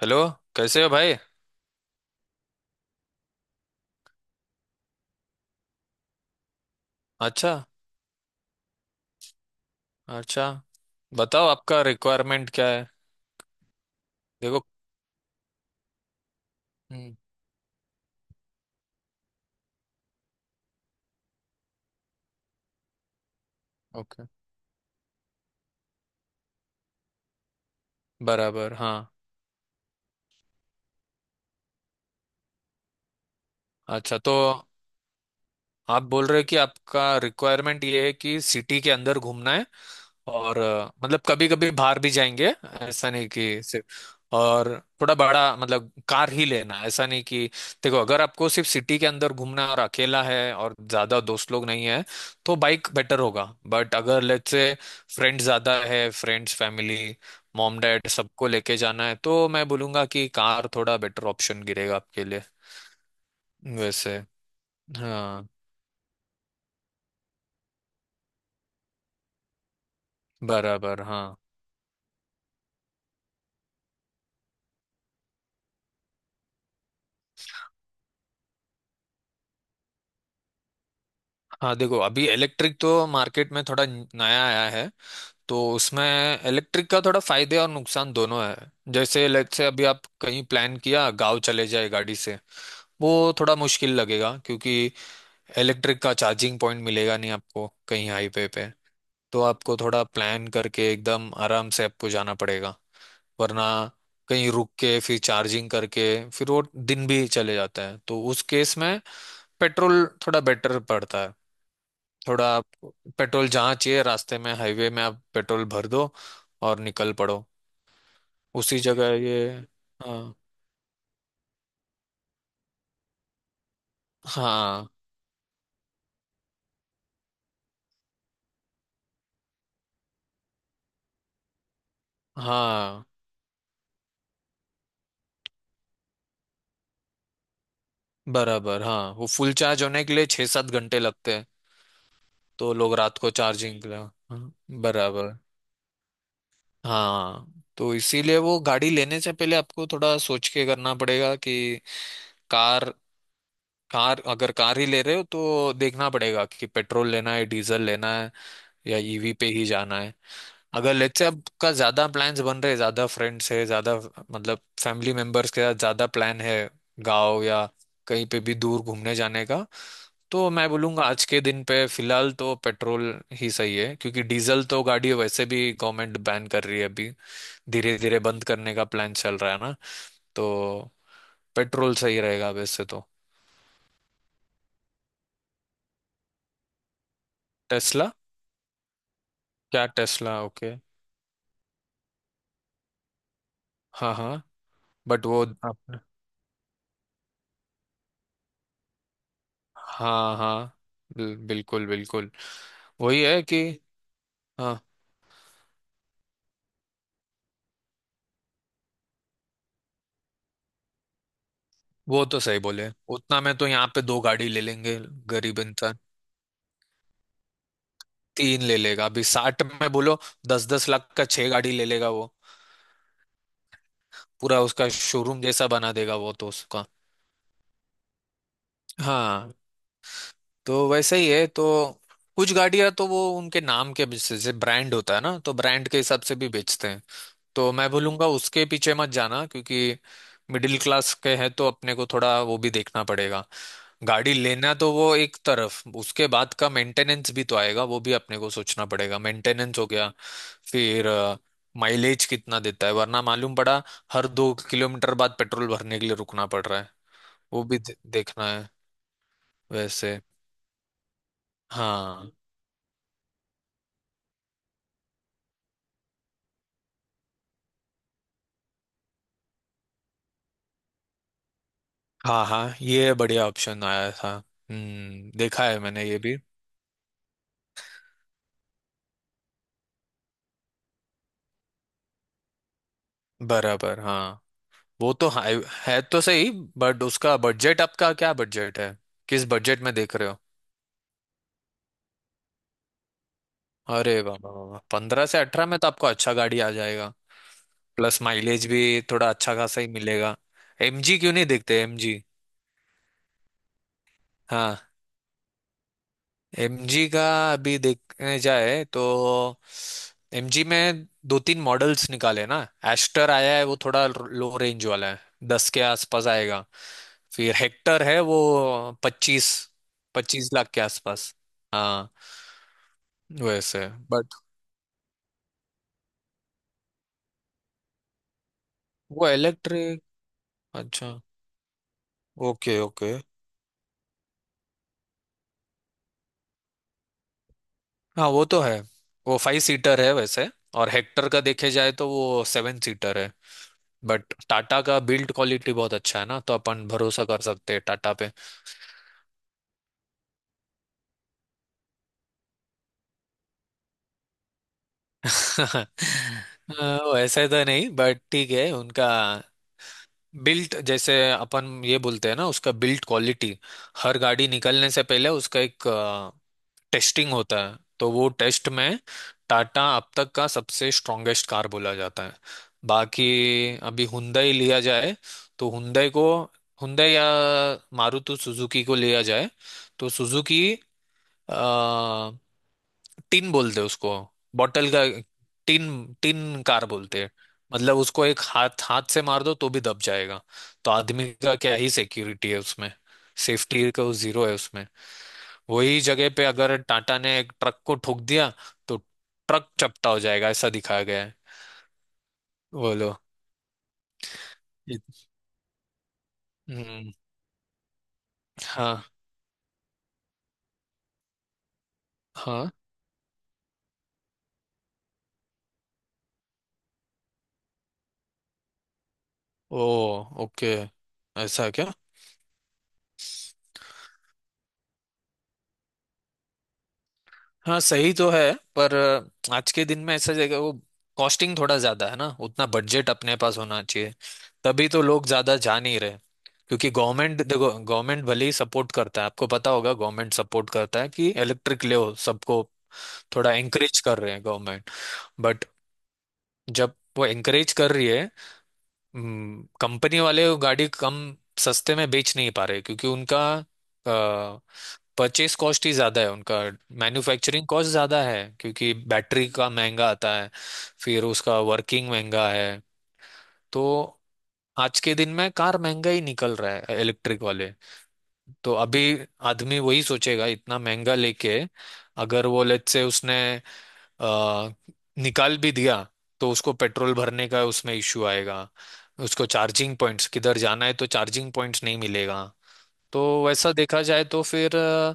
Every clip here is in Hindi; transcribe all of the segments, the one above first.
हेलो। कैसे हो भाई। अच्छा। अच्छा, बताओ आपका रिक्वायरमेंट क्या है। देखो, हम्म। ओके। बराबर हाँ। अच्छा तो आप बोल रहे हो कि आपका रिक्वायरमेंट ये है कि सिटी के अंदर घूमना है और मतलब कभी कभी बाहर भी जाएंगे। ऐसा नहीं कि सिर्फ और थोड़ा बड़ा मतलब कार ही लेना, ऐसा नहीं कि। देखो, अगर आपको सिर्फ सिटी के अंदर घूमना है और अकेला है और ज्यादा दोस्त लोग नहीं है तो बाइक बेटर होगा। बट अगर लेट्स से फ्रेंड ज्यादा है, फ्रेंड्स फैमिली मॉम डैड सबको लेके जाना है तो मैं बोलूंगा कि कार थोड़ा बेटर ऑप्शन गिरेगा आपके लिए। वैसे हाँ, बराबर हाँ। हाँ देखो, अभी इलेक्ट्रिक तो मार्केट में थोड़ा नया आया है। तो उसमें इलेक्ट्रिक का थोड़ा फायदे और नुकसान दोनों है। जैसे लेट से अभी आप कहीं प्लान किया गांव चले जाए गाड़ी से, वो थोड़ा मुश्किल लगेगा क्योंकि इलेक्ट्रिक का चार्जिंग पॉइंट मिलेगा नहीं आपको कहीं हाईवे पे। तो आपको थोड़ा प्लान करके एकदम आराम से आपको जाना पड़ेगा, वरना कहीं रुक के फिर चार्जिंग करके फिर वो दिन भी चले जाता है। तो उस केस में पेट्रोल थोड़ा बेटर पड़ता है। थोड़ा आप पेट्रोल जहाँ चाहिए, रास्ते में हाईवे में आप पेट्रोल भर दो और निकल पड़ो उसी जगह ये। हाँ हाँ हाँ, बराबर हाँ। वो फुल चार्ज होने के लिए 6-7 घंटे लगते हैं। तो लोग रात को चार्जिंग के लिए, हाँ, बराबर हाँ। तो इसीलिए वो गाड़ी लेने से पहले आपको थोड़ा सोच के करना पड़ेगा कि कार, अगर कार ही ले रहे हो तो देखना पड़ेगा कि पेट्रोल लेना है डीजल लेना है या ईवी पे ही जाना है। अगर लेट्स से आपका ज्यादा प्लान्स बन रहे, ज्यादा फ्रेंड्स है, ज्यादा मतलब फैमिली मेंबर्स के साथ ज्यादा प्लान है गाँव या कहीं पे भी दूर घूमने जाने का, तो मैं बोलूंगा आज के दिन पे फिलहाल तो पेट्रोल ही सही है क्योंकि डीजल तो गाड़ी वैसे भी गवर्नमेंट बैन कर रही है अभी, धीरे धीरे बंद करने का प्लान चल रहा है ना। तो पेट्रोल सही रहेगा वैसे तो। टेस्ला? क्या टेस्ला, ओके। हाँ हाँ, बट वो आपने। हाँ हाँ, बिल्कुल बिल्कुल। वही है कि हाँ, वो तो सही बोले। उतना में तो यहाँ पे दो गाड़ी ले लेंगे, गरीब इंसान। तीन ले लेगा अभी 60 में बोलो, 10-10 लाख का छह गाड़ी ले लेगा वो। पूरा उसका शोरूम जैसा बना देगा वो तो उसका। हाँ, तो वैसे ही है। तो कुछ गाड़ियां तो वो उनके नाम के बेसिस से ब्रांड होता है ना, तो ब्रांड के हिसाब से भी बेचते हैं। तो मैं बोलूंगा उसके पीछे मत जाना क्योंकि मिडिल क्लास के हैं तो अपने को थोड़ा वो भी देखना पड़ेगा। गाड़ी लेना तो वो एक तरफ, उसके बाद का मेंटेनेंस भी तो आएगा, वो भी अपने को सोचना पड़ेगा। मेंटेनेंस हो गया, फिर माइलेज कितना देता है, वरना मालूम पड़ा हर 2 किलोमीटर बाद पेट्रोल भरने के लिए रुकना पड़ रहा है। वो भी देखना है वैसे। हाँ हाँ हाँ, ये बढ़िया ऑप्शन आया था। हम्म, देखा है मैंने ये भी। बराबर हाँ, वो तो है तो सही। बट उसका बजट, आपका क्या बजट है? किस बजट में देख रहे हो? अरे बाबा, 15 से 18 में तो आपको अच्छा गाड़ी आ जाएगा। प्लस माइलेज भी थोड़ा अच्छा खासा ही मिलेगा। एमजी क्यों नहीं देखते एमजी? हाँ, एमजी का अभी देखने जाए तो एमजी में दो तीन मॉडल्स निकाले ना। एस्टर आया है, वो थोड़ा लो रेंज वाला है, 10 के आसपास आएगा। फिर हेक्टर है वो, पच्चीस 25 लाख के आसपास। हाँ वैसे, बट वो इलेक्ट्रिक। अच्छा, ओके ओके। हाँ वो तो है, वो फाइव सीटर है वैसे। और हेक्टर का देखे जाए तो वो सेवन सीटर है। बट टाटा का बिल्ड क्वालिटी बहुत अच्छा है ना, तो अपन भरोसा कर सकते हैं टाटा पे। वैसे तो नहीं, बट ठीक है उनका बिल्ट। जैसे अपन ये बोलते हैं ना, उसका बिल्ट क्वालिटी। हर गाड़ी निकलने से पहले उसका एक टेस्टिंग होता है। तो वो टेस्ट में टाटा अब तक का सबसे स्ट्रॉन्गेस्ट कार बोला जाता है। बाकी, अभी हुंडई लिया जाए तो हुंडई को, हुंडई या मारुति सुजुकी को लिया जाए, तो सुजुकी, आ, टिन बोलते हैं उसको, बॉटल का टिन। टिन कार बोलते हैं। मतलब उसको एक हाथ हाथ से मार दो तो भी दब जाएगा। तो आदमी का क्या ही सिक्योरिटी है उसमें। सेफ्टी का जीरो है उसमें। वही जगह पे अगर टाटा ने एक ट्रक को ठोक दिया तो ट्रक चपटा हो जाएगा, ऐसा दिखाया गया है। बोलो। हम्म, हाँ हाँ। ओ, ओके। ऐसा है क्या? हाँ सही तो है, पर आज के दिन में ऐसा जगह वो कॉस्टिंग थोड़ा ज्यादा है ना, उतना बजट अपने पास होना चाहिए। तभी तो लोग ज्यादा जा नहीं रहे। क्योंकि गवर्नमेंट, देखो गवर्नमेंट भले ही सपोर्ट करता है, आपको पता होगा गवर्नमेंट सपोर्ट करता है कि इलेक्ट्रिक ले सबको, थोड़ा एंकरेज कर रहे हैं गवर्नमेंट। बट जब वो एंकरेज कर रही है, कंपनी वाले वो गाड़ी कम सस्ते में बेच नहीं पा रहे क्योंकि उनका परचेस कॉस्ट ही ज़्यादा है। उनका मैन्युफैक्चरिंग कॉस्ट ज़्यादा है क्योंकि बैटरी का महंगा आता है। फिर उसका वर्किंग महंगा है। तो आज के दिन में कार महंगा ही निकल रहा है इलेक्ट्रिक वाले। तो अभी आदमी वही सोचेगा इतना महंगा लेके, अगर वो लेट से उसने अ, निकाल भी दिया तो उसको पेट्रोल भरने का उसमें इश्यू आएगा। उसको चार्जिंग पॉइंट्स, किधर जाना है तो चार्जिंग पॉइंट्स नहीं मिलेगा। तो वैसा देखा जाए तो फिर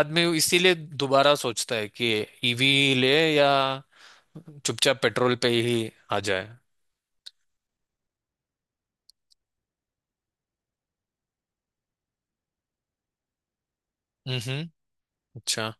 आदमी इसीलिए दोबारा सोचता है कि ईवी ले या चुपचाप पेट्रोल पे ही आ जाए। हम्म, अच्छा।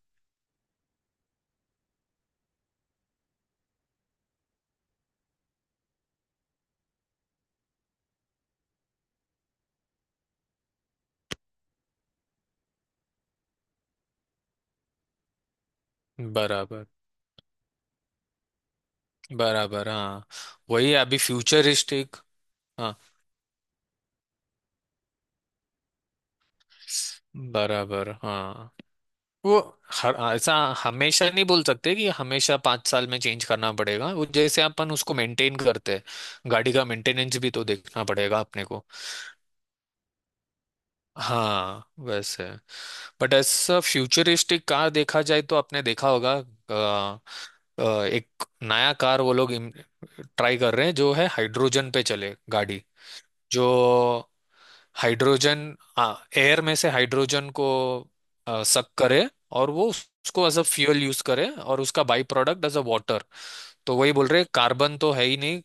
बराबर, बराबर हाँ। वही अभी फ्यूचरिस्टिक। हाँ बराबर हाँ। वो हर ऐसा, हमेशा नहीं बोल सकते कि हमेशा 5 साल में चेंज करना पड़ेगा। वो जैसे अपन उसको मेंटेन करते हैं, गाड़ी का मेंटेनेंस भी तो देखना पड़ेगा अपने को। हाँ वैसे, बट ऐसा फ्यूचरिस्टिक कार देखा जाए तो आपने देखा होगा, एक नया कार वो लोग ट्राई कर रहे हैं जो है हाइड्रोजन पे चले गाड़ी। जो हाइड्रोजन, हाँ एयर में से हाइड्रोजन को सक करे और वो उसको एज अ फ्यूल यूज करे, और उसका by product as a water. तो वही बोल रहे हैं, कार्बन तो है ही नहीं,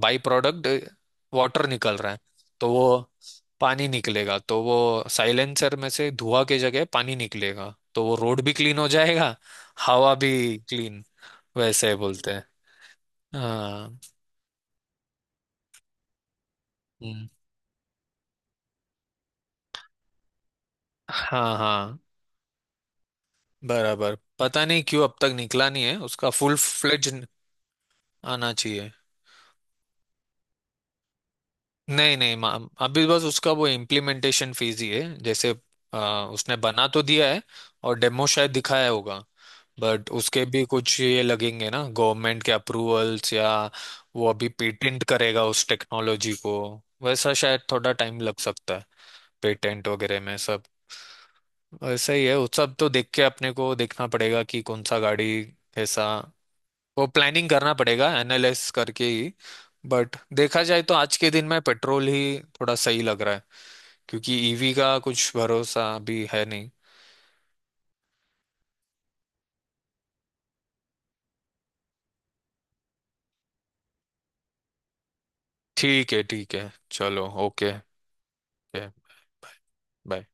बाई प्रोडक्ट वाटर निकल रहा है। तो वो पानी निकलेगा, तो वो साइलेंसर में से धुआं के जगह पानी निकलेगा तो वो रोड भी क्लीन हो जाएगा, हवा भी क्लीन। वैसे बोलते हैं। हाँ। हम्म, हाँ हाँ। बराबर, पता नहीं क्यों अब तक निकला नहीं है उसका फुल फ्लेज। आना चाहिए। नहीं नहीं, अभी बस उसका वो इम्प्लीमेंटेशन फीस ही है, जैसे उसने बना तो दिया है और डेमो शायद दिखाया होगा। बट उसके भी कुछ ये लगेंगे ना, गवर्नमेंट के अप्रूवल्स या वो अभी पेटेंट करेगा उस टेक्नोलॉजी को। वैसा शायद थोड़ा टाइम लग सकता है पेटेंट वगैरह में सब। वैसा ही है, वो सब तो देख के अपने को देखना पड़ेगा कि कौन सा गाड़ी कैसा, वो प्लानिंग करना पड़ेगा एनालाइज करके ही। बट देखा जाए तो आज के दिन में पेट्रोल ही थोड़ा सही लग रहा है क्योंकि ईवी का कुछ भरोसा अभी है नहीं। ठीक है, ठीक है, चलो ओके। बाय।